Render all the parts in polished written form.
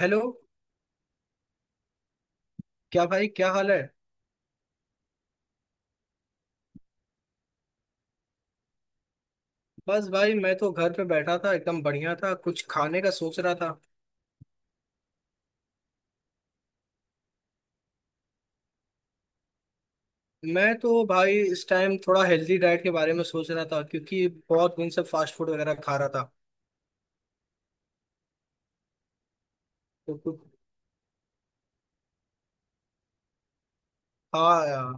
Hello. क्या भाई, क्या हाल है। बस भाई, मैं तो घर पे बैठा था। एकदम बढ़िया था। कुछ खाने का सोच रहा था। मैं तो भाई इस टाइम थोड़ा हेल्दी डाइट के बारे में सोच रहा था, क्योंकि बहुत दिन से फास्ट फूड वगैरह खा रहा था। तो कुछ। हाँ यार।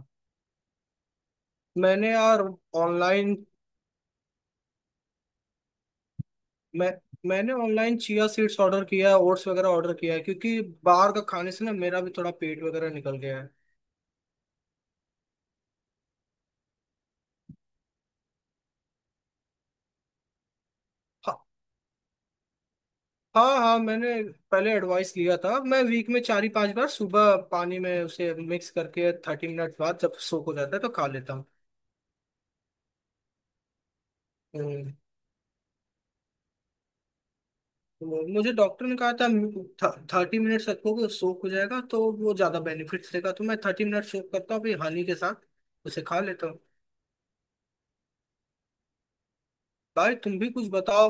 मैंने यार ऑनलाइन। मैं मैंने ऑनलाइन चिया सीड्स ऑर्डर किया है, ओट्स वगैरह ऑर्डर किया है, क्योंकि बाहर का खाने से ना मेरा भी थोड़ा पेट वगैरह निकल गया है। हाँ, हाँ हाँ। मैंने पहले एडवाइस लिया था। मैं वीक में 4 ही 5 बार सुबह पानी में उसे मिक्स करके 30 मिनट बाद जब सोख हो जाता है तो खा लेता हूँ। हम्म, तो मुझे डॉक्टर ने कहा था 30 मिनट्स रखोगे सोख हो जाएगा तो वो ज्यादा बेनिफिट्स देगा, तो मैं 30 मिनट सोख करता हूँ फिर हनी के साथ उसे खा लेता हूँ। भाई तुम भी कुछ बताओ।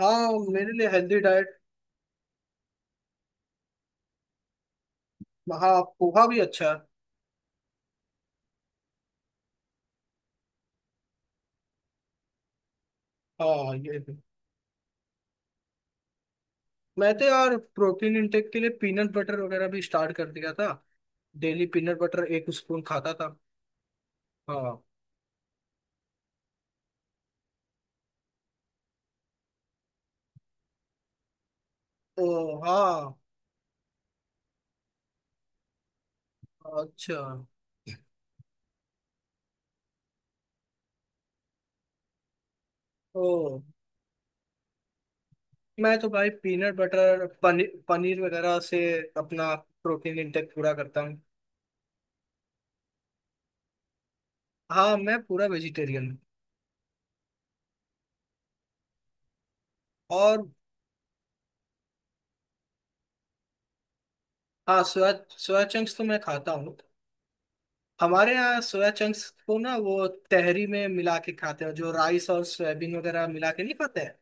हाँ मेरे लिए हेल्दी डाइट। हाँ पोहा भी अच्छा है। हाँ ये भी। मैं तो यार प्रोटीन इंटेक के लिए पीनट बटर वगैरह भी स्टार्ट कर दिया था। डेली पीनट बटर 1 स्पून खाता था। हाँ। ओ। हाँ अच्छा। ओ। मैं तो भाई पीनट बटर, पनीर पनीर वगैरह से अपना प्रोटीन इंटेक पूरा करता हूँ। हाँ, मैं पूरा वेजिटेरियन हूँ। और। हाँ सोया सोया चंक्स तो मैं खाता हूँ। हमारे यहाँ सोया चंक्स को ना वो तहरी में मिला के खाते हैं, जो राइस और सोयाबीन वगैरह मिला के नहीं खाते हैं।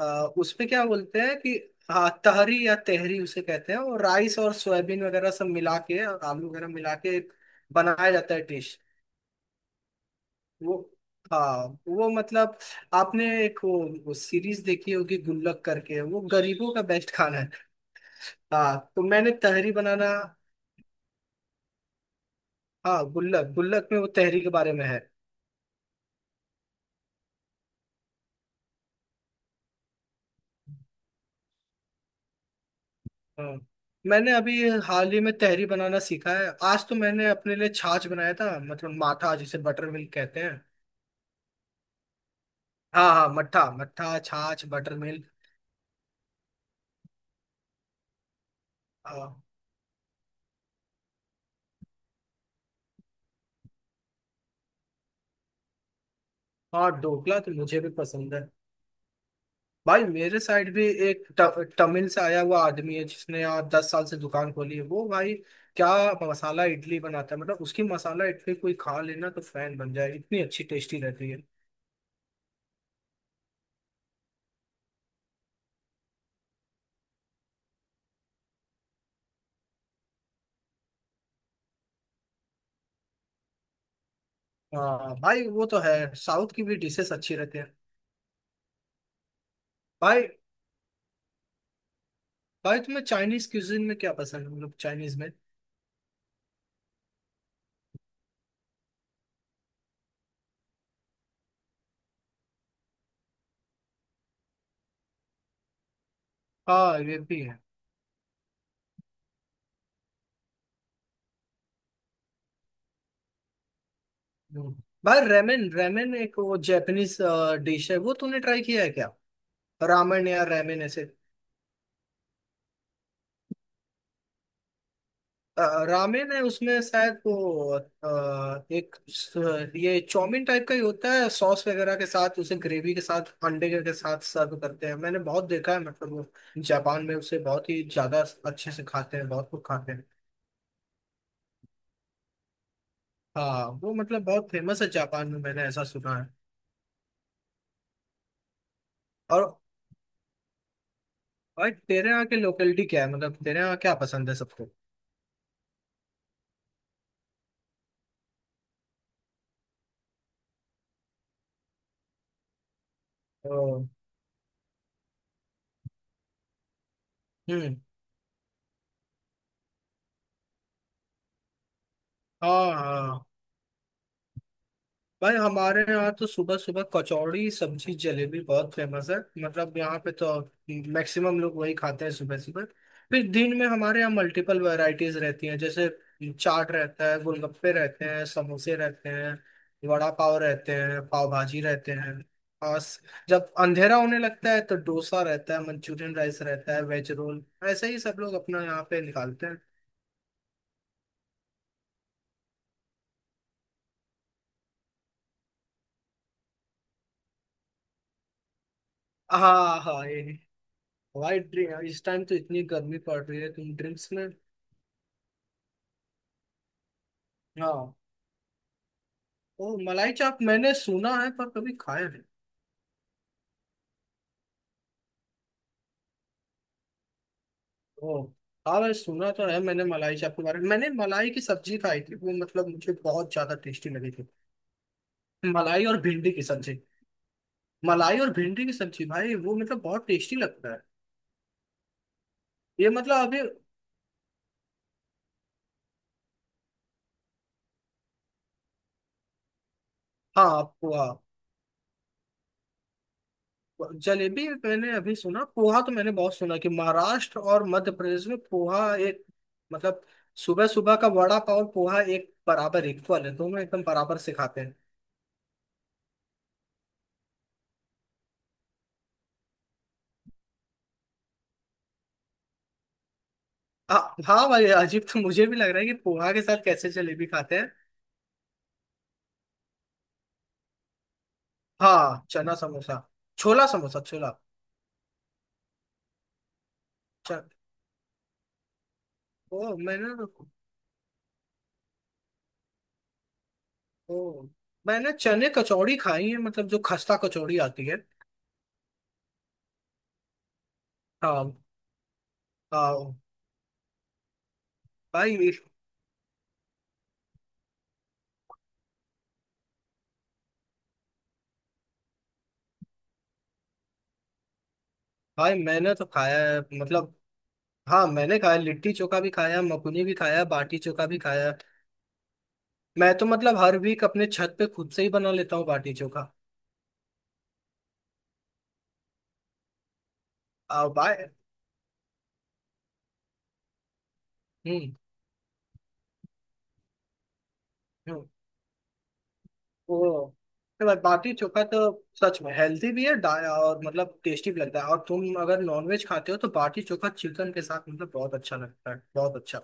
उसमें क्या बोलते हैं कि। हाँ तहरी या तहरी उसे कहते हैं, और राइस और सोयाबीन वगैरह सब मिला के और आलू वगैरह मिला के एक बनाया जाता है डिश। वो। हाँ वो मतलब। आपने एक वो सीरीज देखी होगी गुल्लक करके, वो गरीबों का बेस्ट खाना है। हाँ तो मैंने तहरी बनाना। हाँ गुल्लक, गुल्लक में वो तहरी के बारे में है। हाँ मैंने अभी हाल ही में तहरी बनाना सीखा है। आज तो मैंने अपने लिए छाछ बनाया था, मतलब माठा, जिसे बटर मिल्क कहते हैं। हाँ हाँ, मट्ठा मट्ठा छाछ बटर मिल्क। हाँ, हाँ, ढोकला तो मुझे भी पसंद है। भाई मेरे साइड भी एक तमिल से आया हुआ आदमी है जिसने यहाँ 10 साल से दुकान खोली है, वो भाई क्या मसाला इडली बनाता है, मतलब उसकी मसाला इडली कोई खा लेना तो फैन बन जाए, इतनी अच्छी टेस्टी रहती है। हाँ भाई वो तो है, साउथ की भी डिशेस अच्छी रहती है। भाई भाई तुम्हें चाइनीज क्यूजिन में क्या पसंद है, मतलब चाइनीज में। हाँ ये भी है। हम्म। भाई रेमेन, रेमेन एक वो जैपनीज डिश है, वो तूने ट्राई किया है क्या, रामेन या रैमेन ऐसे। अ, रामेन है उसमें शायद वो, एक ये चाउमीन टाइप का ही होता है, सॉस वगैरह के साथ उसे ग्रेवी के साथ अंडे के साथ सर्व करते हैं। मैंने बहुत देखा है, मतलब वो जापान में उसे बहुत ही ज्यादा अच्छे से खाते हैं, बहुत लोग खाते हैं। हाँ वो मतलब बहुत फेमस है जापान में, मैंने ऐसा सुना है। और भाई तेरे यहाँ की लोकेलिटी क्या है, मतलब तेरे यहाँ क्या पसंद है सबको। ओ, हम्म, हाँ हाँ। भाई हमारे यहाँ तो सुबह सुबह कचौड़ी सब्जी जलेबी बहुत फेमस है, मतलब यहाँ पे तो मैक्सिमम लोग वही खाते हैं सुबह सुबह। फिर दिन में हमारे यहाँ मल्टीपल वैरायटीज रहती हैं, जैसे चाट रहता है, गोलगप्पे रहते हैं, समोसे रहते हैं, वड़ा पाव रहते हैं, पाव भाजी रहते हैं। और जब अंधेरा होने लगता है तो डोसा रहता है, मंचूरियन राइस रहता है, वेज रोल। ऐसे ही सब लोग अपना यहाँ पे निकालते हैं। हाँ हाँ ये। भाई ड्रिंक, इस टाइम तो इतनी गर्मी पड़ रही है, तुम ड्रिंक्स में। हाँ। ओ मलाई चाप मैंने सुना है, पर कभी खाया नहीं। ओ, हाँ मैं सुना तो है, मैंने मलाई चाप के बारे में। मैंने मलाई की सब्जी खाई थी, वो मतलब मुझे बहुत ज्यादा टेस्टी लगी थी। मलाई और भिंडी की सब्जी। मलाई और भिंडी की सब्जी भाई वो मतलब बहुत टेस्टी लगता है। ये मतलब अभी। हाँ पोहा जलेबी मैंने अभी सुना, पोहा तो मैंने बहुत सुना कि महाराष्ट्र और मध्य प्रदेश में पोहा एक मतलब सुबह सुबह का वड़ा पाव और पोहा एक बराबर इक्वल है, दोनों एकदम बराबर से खाते हैं। हाँ, हाँ भाई अजीब तो मुझे भी लग रहा है कि पोहा के साथ कैसे जलेबी खाते हैं। हाँ चना समोसा, छोला समोसा छोला। च- ओ मैंने ओ, मैंने चने कचौड़ी खाई है, मतलब जो खस्ता कचौड़ी आती है। हाँ हाँ। भाई भाई मैंने तो खाया है, मतलब हाँ मैंने खाया, लिट्टी चोखा भी खाया, मकुनी भी खाया, बाटी चोखा भी खाया। मैं तो मतलब हर वीक अपने छत पे खुद से ही बना लेता हूँ बाटी चोखा। भाई, हम्म, हम्म। वो मतलब बाटी चोखा तो सच में हेल्दी भी है, और मतलब टेस्टी भी लगता है, और तुम अगर नॉनवेज खाते हो तो बाटी चोखा चिकन के साथ मतलब बहुत अच्छा लगता है, बहुत अच्छा।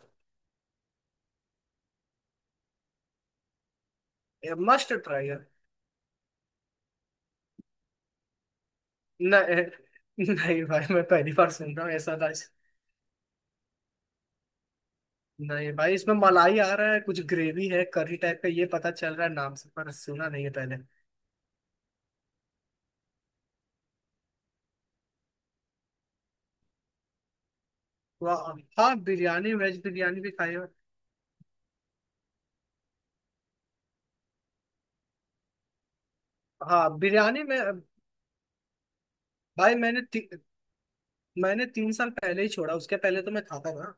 मस्ट ट्राई है। नहीं नहीं भाई, मैं पहली बार सुन रहा हूँ ऐसा राइस। नहीं भाई, इसमें मलाई आ रहा है, कुछ ग्रेवी है, करी टाइप का ये पता चल रहा है नाम से, पर सुना नहीं है पहले। वाह। हाँ बिरयानी, वेज बिरयानी भी खाई है। हाँ बिरयानी में। भाई मैंने मैंने 3 साल पहले ही छोड़ा, उसके पहले तो मैं खाता था।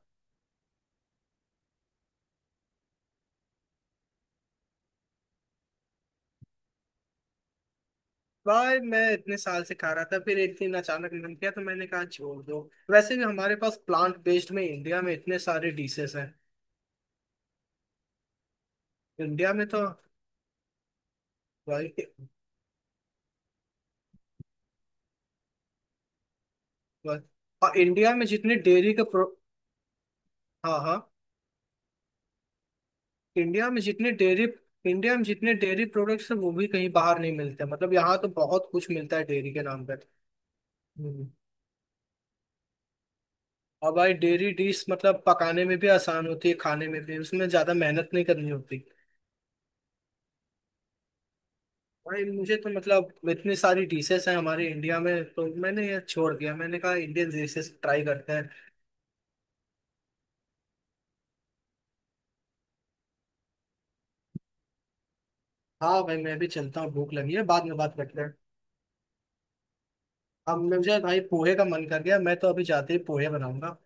भाई मैं इतने साल से खा रहा था, फिर एक दिन अचानक मन किया तो मैंने कहा छोड़ दो। वैसे भी हमारे पास प्लांट बेस्ड में इंडिया में इतने सारे डिशेस हैं। इंडिया में तो। भाई। भाई-। और इंडिया में जितने डेयरी के प्रो। हाँ हाँ। इंडिया में जितने डेयरी। इंडिया में जितने डेयरी प्रोडक्ट्स हैं वो भी कहीं बाहर नहीं मिलते, मतलब यहाँ तो बहुत कुछ मिलता है डेयरी के नाम पर। हम्म। और भाई डेयरी डिश मतलब पकाने में भी आसान होती है, खाने में भी उसमें ज्यादा मेहनत नहीं करनी होती। भाई मुझे तो मतलब इतनी सारी डिशेस हैं हमारे इंडिया में, तो मैंने ये छोड़ दिया, मैंने कहा इंडियन डिशेस ट्राई करते हैं। हाँ भाई मैं भी चलता हूँ, भूख लगी है, बाद में बात करते हैं। अब मुझे भाई पोहे का मन कर गया, मैं तो अभी जाते ही पोहे बनाऊंगा।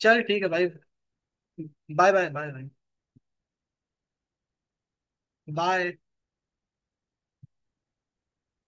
चल ठीक है भाई, बाय बाय बाय भाई बाय।